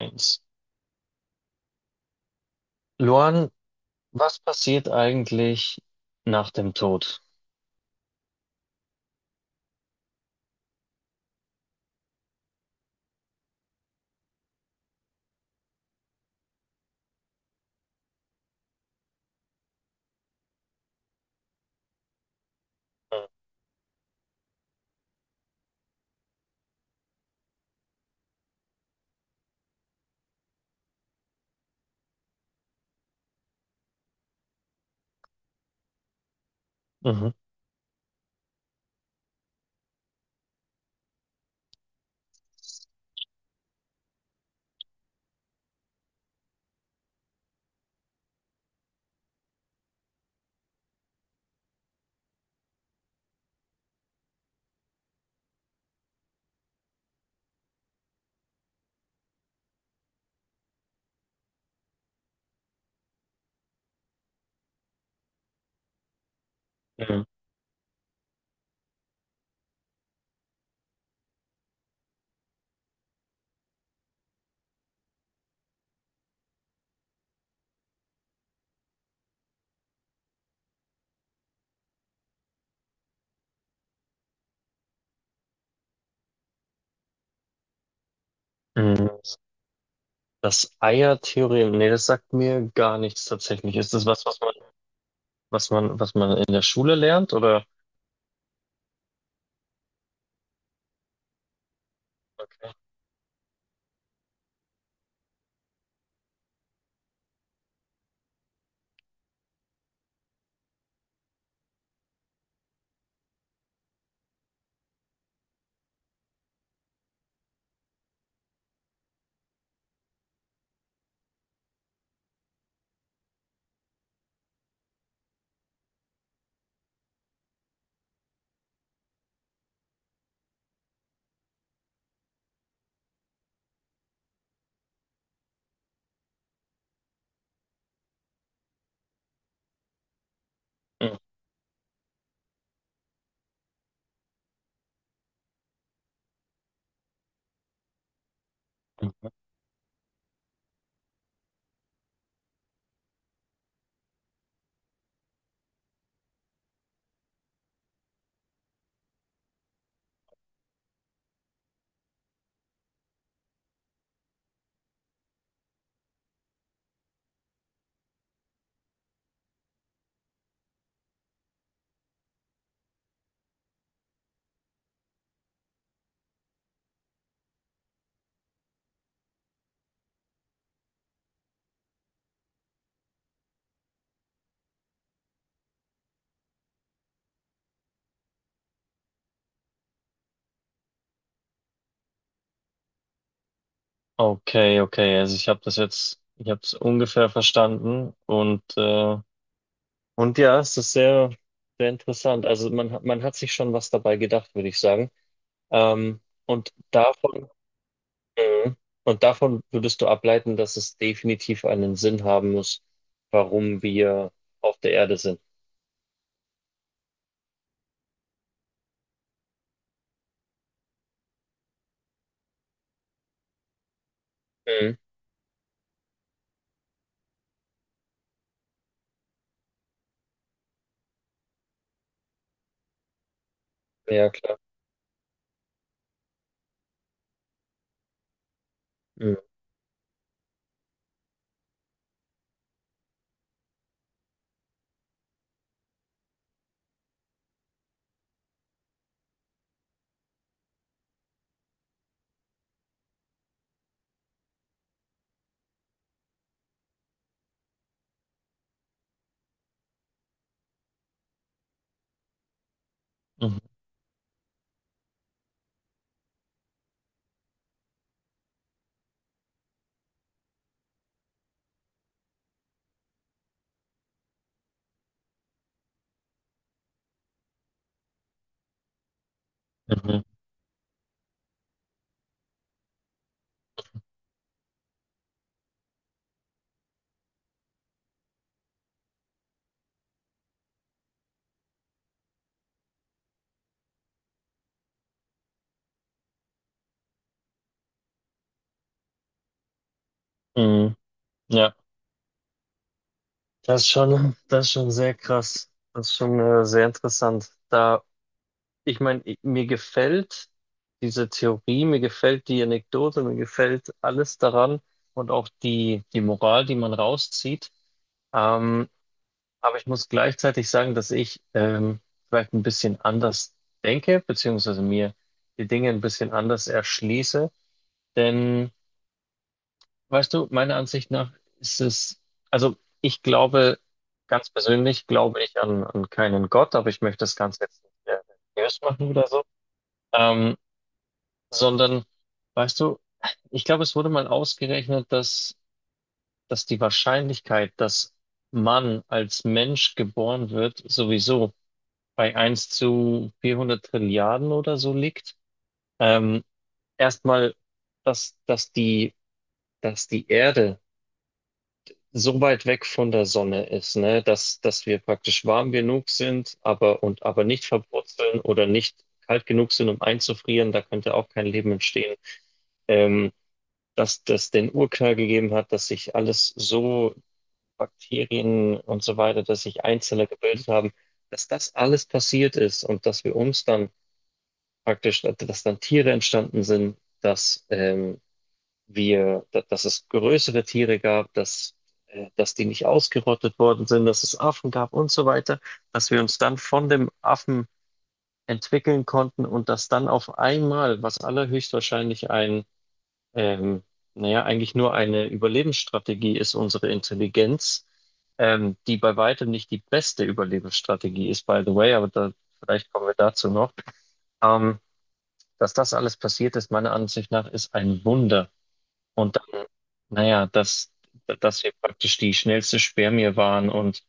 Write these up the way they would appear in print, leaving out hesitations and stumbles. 1. Luan, was passiert eigentlich nach dem Tod? Mhm. Mhm. Mhm. Das Eiertheorem, nee, das sagt mir gar nichts tatsächlich. Ist das was, was man in der Schule lernt, oder? Mhm. Okay, okay. Also ich habe das jetzt, ich habe es ungefähr verstanden und ja, es ist sehr, sehr interessant. Also man hat sich schon was dabei gedacht, würde ich sagen. Ähm, und davon Mhm. Und davon würdest du ableiten, dass es definitiv einen Sinn haben muss, warum wir auf der Erde sind. Mhm. Ja, klar. Mhm. Mhm. Mhm. Mhm. Ja, das ist schon sehr krass. Das ist schon sehr interessant. Da, ich meine, mir gefällt diese Theorie, mir gefällt die Anekdote, mir gefällt alles daran und auch die Moral, die man rauszieht. Ähm, Aber ich muss gleichzeitig sagen, dass ich vielleicht ein bisschen anders denke, beziehungsweise mir die Dinge ein bisschen anders erschließe. Denn, weißt du, meiner Ansicht nach ist es, also ich glaube, ganz persönlich glaube ich an keinen Gott, aber ich möchte das Ganze jetzt nicht religiös machen oder so, ähm, sondern, weißt du, ich glaube, es wurde mal ausgerechnet, dass die Wahrscheinlichkeit, dass man als Mensch geboren wird, sowieso bei 1 zu 400 Trilliarden oder so liegt. Ähm, Erstmal, dass, dass die, dass die Erde so weit weg von der Sonne ist, ne, dass wir praktisch warm genug sind, aber nicht verbrutzeln oder nicht kalt genug sind, um einzufrieren, da könnte auch kein Leben entstehen. Ähm, dass das den Urknall gegeben hat, dass sich alles so, Bakterien und so weiter, dass sich Einzeller gebildet haben, dass das alles passiert ist und dass wir uns dann praktisch, dass dann Tiere entstanden sind, dass wir, dass es größere Tiere gab, dass die nicht ausgerottet worden sind, dass es Affen gab und so weiter, dass wir uns dann von dem Affen entwickeln konnten und dass dann auf einmal, was allerhöchstwahrscheinlich ein, ähm, naja, eigentlich nur eine Überlebensstrategie ist, unsere Intelligenz, die bei weitem nicht die beste Überlebensstrategie ist, by the way, aber da, vielleicht kommen wir dazu noch. Ähm, dass das alles passiert ist, meiner Ansicht nach, ist ein Wunder. Und dann, naja, dass wir praktisch die schnellste Spermie waren und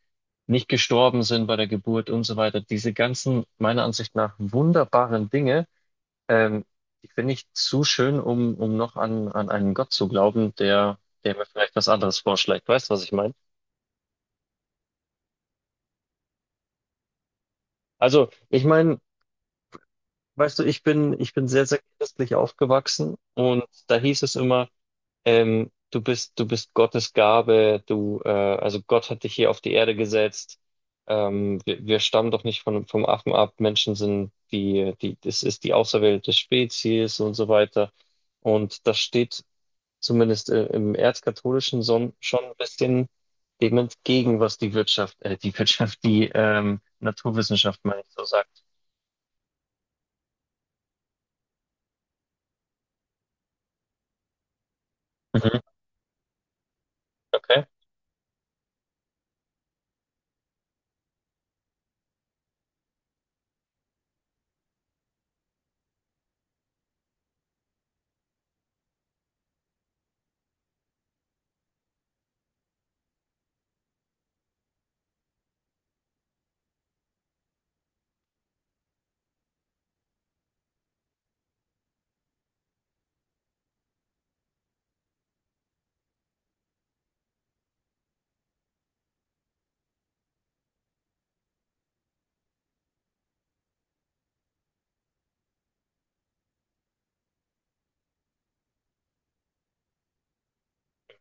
nicht gestorben sind bei der Geburt und so weiter. Diese ganzen, meiner Ansicht nach, wunderbaren Dinge, ähm, die finde ich zu schön, um, um noch an einen Gott zu glauben, der mir vielleicht was anderes vorschlägt. Weißt du, was ich meine? Also, ich meine, weißt du, ich bin sehr, sehr christlich aufgewachsen und da hieß es immer, du bist Gottes Gabe, also Gott hat dich hier auf die Erde gesetzt. Wir stammen doch nicht vom Affen ab. Menschen sind das ist die auserwählte Spezies und so weiter. Und das steht zumindest im Erzkatholischen so, schon ein bisschen dem entgegen, was die Wirtschaft, die Wirtschaft, die Naturwissenschaft, meine ich, so sagt. Mhm. Okay.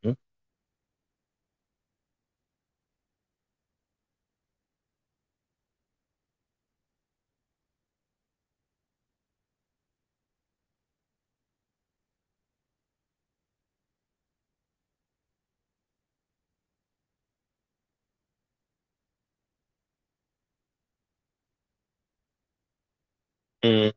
Mhm. Mhm.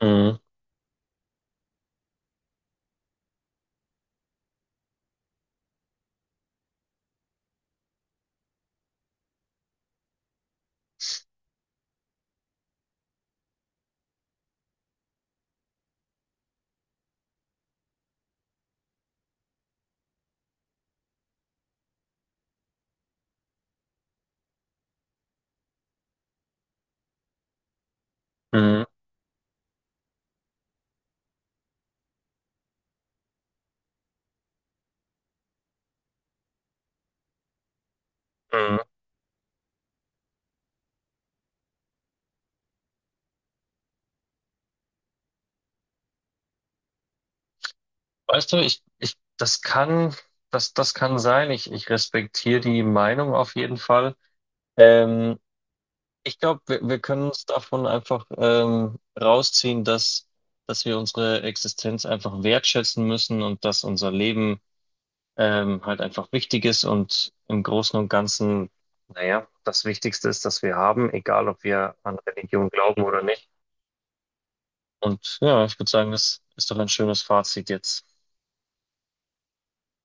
Mhm. Mhm. Mhm. Weißt du, ich, das kann, das, das kann sein. Ich respektiere die Meinung auf jeden Fall. Ähm, ich glaube, wir können uns davon einfach rausziehen, dass wir unsere Existenz einfach wertschätzen müssen und dass unser Leben halt einfach wichtig ist und im Großen und Ganzen, naja, das Wichtigste ist, dass wir haben, egal ob wir an Religion glauben oder nicht. Und ja, ich würde sagen, das ist doch ein schönes Fazit jetzt.